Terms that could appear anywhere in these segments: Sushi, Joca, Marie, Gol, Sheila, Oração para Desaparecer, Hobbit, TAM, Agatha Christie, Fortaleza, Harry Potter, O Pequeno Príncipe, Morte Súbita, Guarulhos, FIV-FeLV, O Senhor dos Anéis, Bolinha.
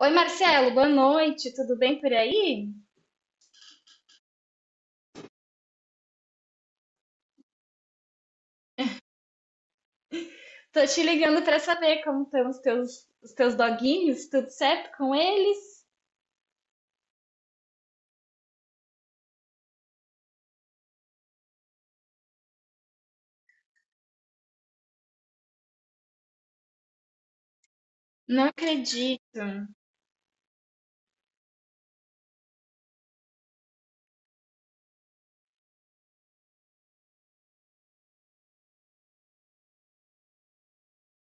Oi, Marcelo, boa noite, tudo bem por aí? Tô te ligando pra saber como estão os teus doguinhos, tudo certo com eles? Não acredito.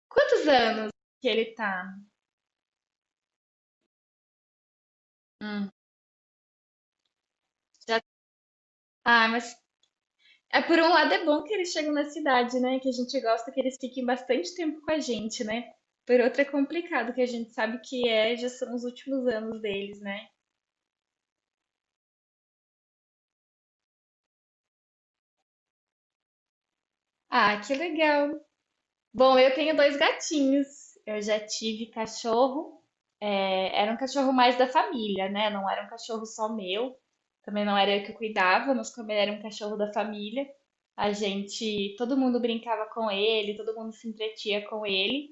Quantos anos que ele tá? Hum, já... Ah, mas por um lado é bom que eles chegam na cidade, né? Que a gente gosta que eles fiquem bastante tempo com a gente, né? Por outro é complicado, que a gente sabe que já são os últimos anos deles, né? Ah, que legal. Bom, eu tenho dois gatinhos. Eu já tive cachorro. Era um cachorro mais da família, né? Não era um cachorro só meu. Também não era eu que cuidava, mas como ele era um cachorro da família, a gente, todo mundo brincava com ele, todo mundo se entretia com ele.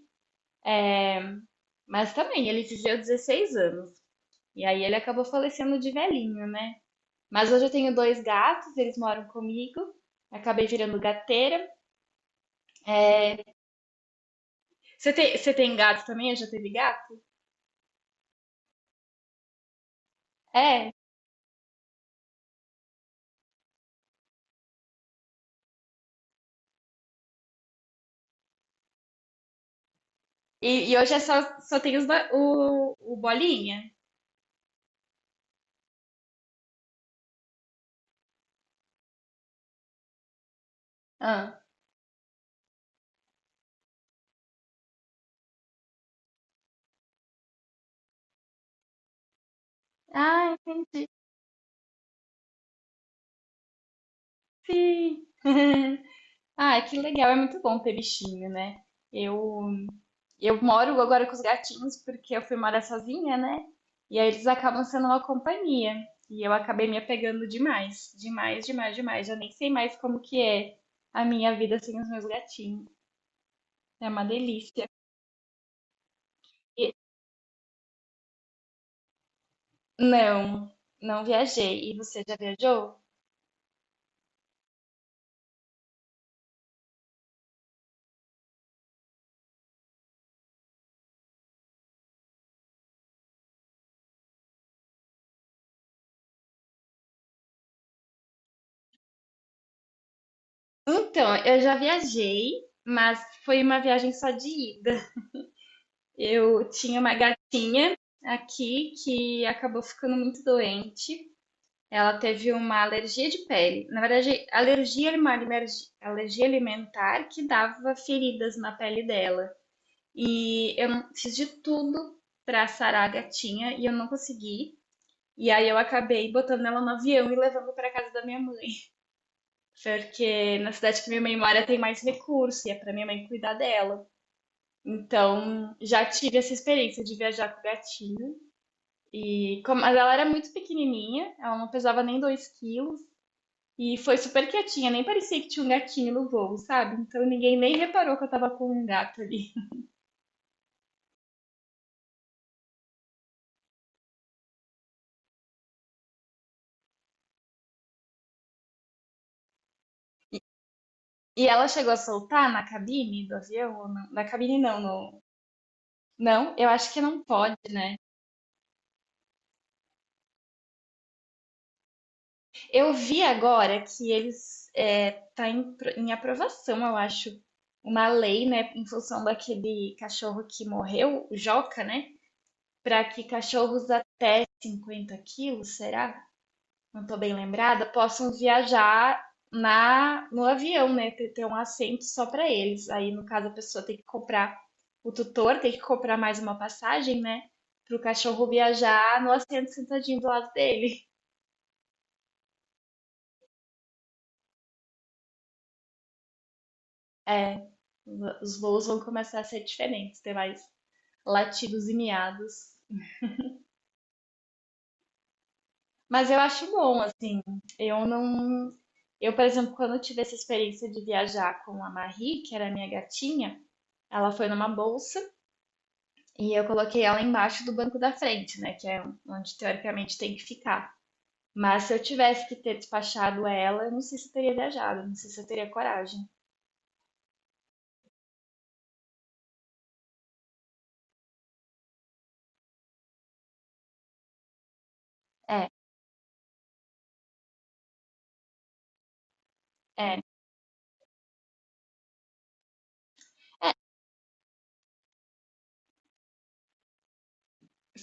Mas também, ele viveu 16 anos. E aí ele acabou falecendo de velhinho, né? Mas hoje eu tenho dois gatos, eles moram comigo. Acabei virando gateira. Você tem gato também? Eu já teve gato? É. E hoje é só, só tem o Bolinha. Ah. Ah, entendi. Sim. Ah, que legal, é muito bom ter bichinho, né? Eu eu moro agora com os gatinhos porque eu fui morar sozinha, né? E aí eles acabam sendo uma companhia. E eu acabei me apegando demais, demais, demais, demais. Já nem sei mais como que é a minha vida sem os meus gatinhos. É uma delícia. E- não, não viajei. E você já viajou? Então, eu já viajei, mas foi uma viagem só de ida. Eu tinha uma gatinha aqui que acabou ficando muito doente. Ela teve uma alergia de pele. Na verdade, alergia é uma alergia alimentar que dava feridas na pele dela. E eu não- fiz de tudo pra sarar a gatinha e eu não consegui. E aí eu acabei botando ela no avião e levando pra casa da minha mãe, porque na cidade que minha mãe mora tem mais recurso e é pra minha mãe cuidar dela. Então, já tive essa experiência de viajar com o gatinho. E como, mas ela era muito pequenininha, ela não pesava nem 2 quilos. E foi super quietinha, nem parecia que tinha um gatinho no voo, sabe? Então ninguém nem reparou que eu tava com um gato ali. E ela chegou a soltar na cabine do avião? Ou não? Na cabine não, no... Não, eu acho que não pode, né? Eu vi agora que tá em aprovação, eu acho, uma lei, né, em função daquele cachorro que morreu, o Joca, né? Pra que cachorros até 50 quilos, será? Não estou bem lembrada, possam viajar na no avião, né? Ter um assento só para eles. Aí, no caso, a pessoa tem que comprar, o tutor tem que comprar mais uma passagem, né? Para o cachorro viajar no assento sentadinho do lado dele. É, os voos vão começar a ser diferentes, ter mais latidos e miados. Mas eu acho bom, assim. Eu não. Eu, por exemplo, quando eu tive essa experiência de viajar com a Marie, que era a minha gatinha, ela foi numa bolsa. E eu coloquei ela embaixo do banco da frente, né? Que é onde teoricamente tem que ficar. Mas se eu tivesse que ter despachado ela, eu não sei se eu teria viajado, não sei se eu teria coragem. É, é.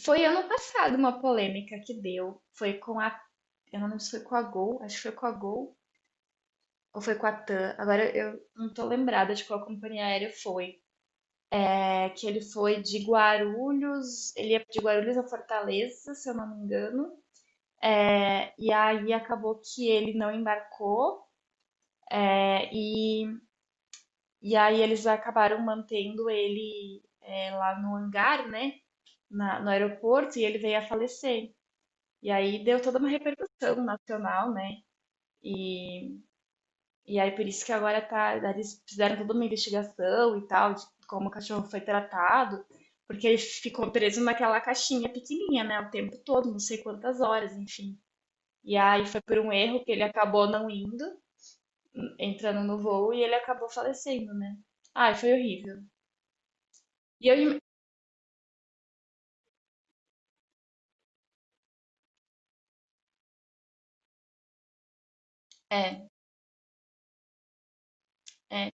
Foi ano passado uma polêmica que deu. Foi com a. Eu não lembro se foi com a Gol, acho que foi com a Gol ou foi com a TAM. Agora eu não tô lembrada de qual companhia aérea foi. É que ele foi de Guarulhos, ele ia de Guarulhos a Fortaleza, se eu não me engano. É, e aí acabou que ele não embarcou. É, e E aí eles acabaram mantendo ele lá no hangar, né? No aeroporto, e ele veio a falecer. E aí deu toda uma repercussão nacional, né? E, e aí por isso que agora tá, eles fizeram toda uma investigação e tal, de como o cachorro foi tratado, porque ele ficou preso naquela caixinha pequenininha, né? O tempo todo, não sei quantas horas, enfim. E aí foi por um erro que ele acabou não indo, entrando no voo, e ele acabou falecendo, né? Ai, foi horrível. E eu, im- é, é.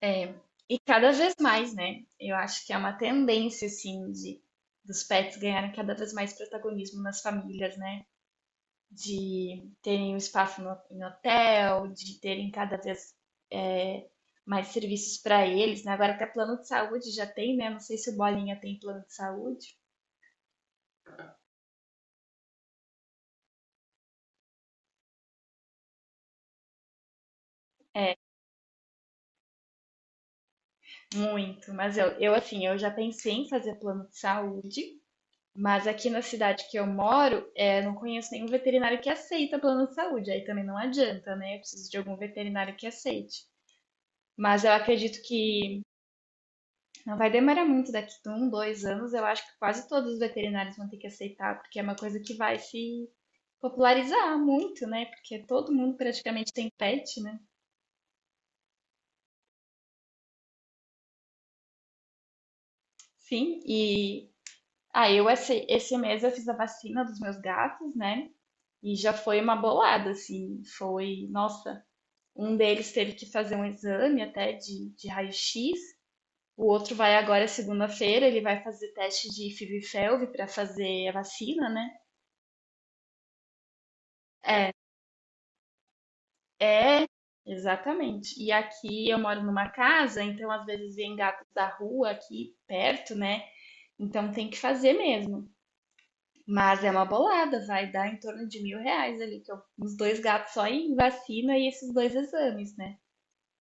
É, e cada vez mais, né? Eu acho que é uma tendência, assim, de, dos pets ganharem cada vez mais protagonismo nas famílias, né? De terem um espaço no, em hotel, de terem cada vez é, mais serviços para eles, né? Agora até plano de saúde já tem, né? Não sei se o Bolinha tem plano de saúde. Muito, mas eu assim, eu já pensei em fazer plano de saúde, mas aqui na cidade que eu moro, não conheço nenhum veterinário que aceita plano de saúde. Aí também não adianta, né? Eu preciso de algum veterinário que aceite. Mas eu acredito que não vai demorar muito, daqui a um, dois anos, eu acho que quase todos os veterinários vão ter que aceitar, porque é uma coisa que vai se popularizar muito, né? Porque todo mundo praticamente tem pet, né? Sim, e aí eu esse mês eu fiz a vacina dos meus gatos, né? E já foi uma bolada, assim, foi, nossa, um deles teve que fazer um exame até de raio-x. O outro vai agora segunda-feira, ele vai fazer teste de FIV-FeLV para fazer a vacina, né? É, é, exatamente. E aqui eu moro numa casa, então às vezes vem gatos da rua aqui perto, né? Então tem que fazer mesmo. Mas é uma bolada, vai dar em torno de R$ 1.000 ali, que eu, os dois gatos só em vacina e esses dois exames, né?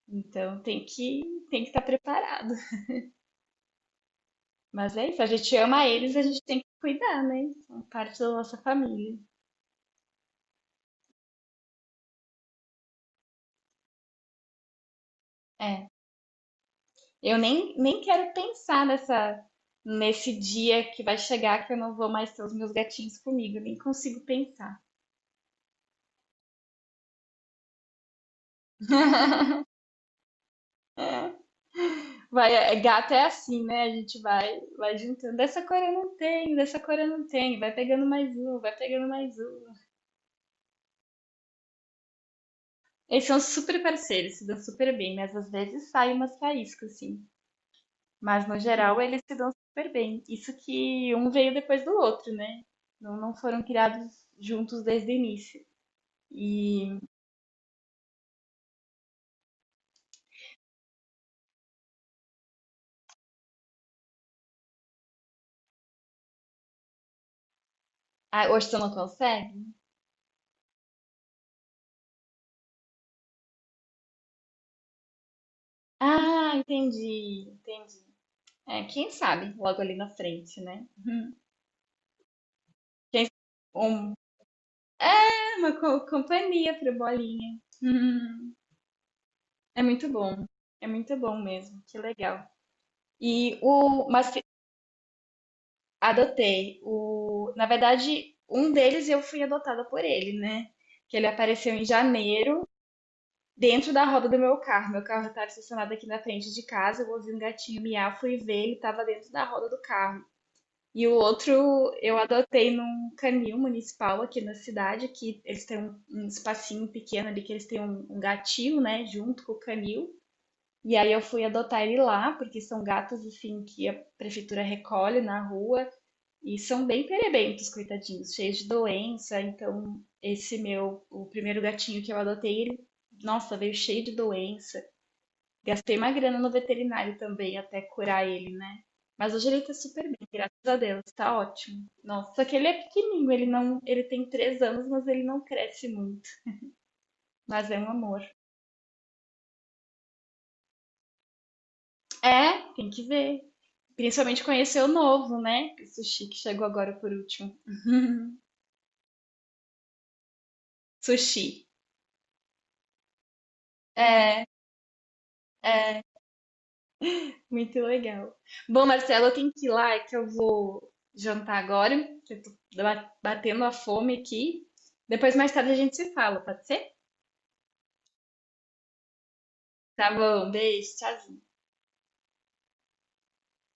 Então tem que estar preparado. Mas é isso, a gente ama eles, a gente tem que cuidar, né? São parte da nossa família. É. Eu nem quero pensar nessa, nesse dia que vai chegar que eu não vou mais ter os meus gatinhos comigo, nem consigo pensar. É. Vai, é, gato é assim, né? A gente vai, vai juntando. Dessa cor eu não tenho, dessa cor eu não tenho. Vai pegando mais um, vai pegando mais um. Eles são super parceiros, se dão super bem, mas às vezes sai umas faíscas, assim. Mas no geral eles se dão super bem. Isso que um veio depois do outro, né? Não, não foram criados juntos desde o início. E ah, hoje você não consegue? Ah, entendi, entendi. É, quem sabe logo ali na frente, né? Uhum. Quem um É uma companhia pro Bolinha. Uhum. É muito bom, é muito bom mesmo. Que legal. E o mas Adotei. O... Na verdade, um deles eu fui adotada por ele, né? Que ele apareceu em janeiro, dentro da roda do meu carro. Meu carro estava estacionado aqui na frente de casa, eu ouvi um gatinho miar, fui ver, ele estava dentro da roda do carro. E o outro eu adotei num canil municipal aqui na cidade, que eles têm um espacinho pequeno ali, que eles têm um gatinho, né, junto com o canil. E aí eu fui adotar ele lá, porque são gatos, assim, que a prefeitura recolhe na rua. E são bem perebentos, coitadinhos, cheios de doença. Então, esse meu, o primeiro gatinho que eu adotei, ele, nossa, veio cheio de doença. Gastei uma grana no veterinário também até curar ele, né? Mas hoje ele tá super bem, graças a Deus, tá ótimo. Nossa, só que ele é pequenininho, ele não, ele tem 3 anos, mas ele não cresce muito. Mas é um amor. É, tem que ver. Principalmente conhecer o novo, né? O Sushi que chegou agora por último. Sushi. É, é. Muito legal. Bom, Marcelo, eu tenho que ir lá, é que eu vou jantar agora, que eu tô batendo a fome aqui. Depois, mais tarde, a gente se fala, pode ser? Tá bom, beijo, tchau.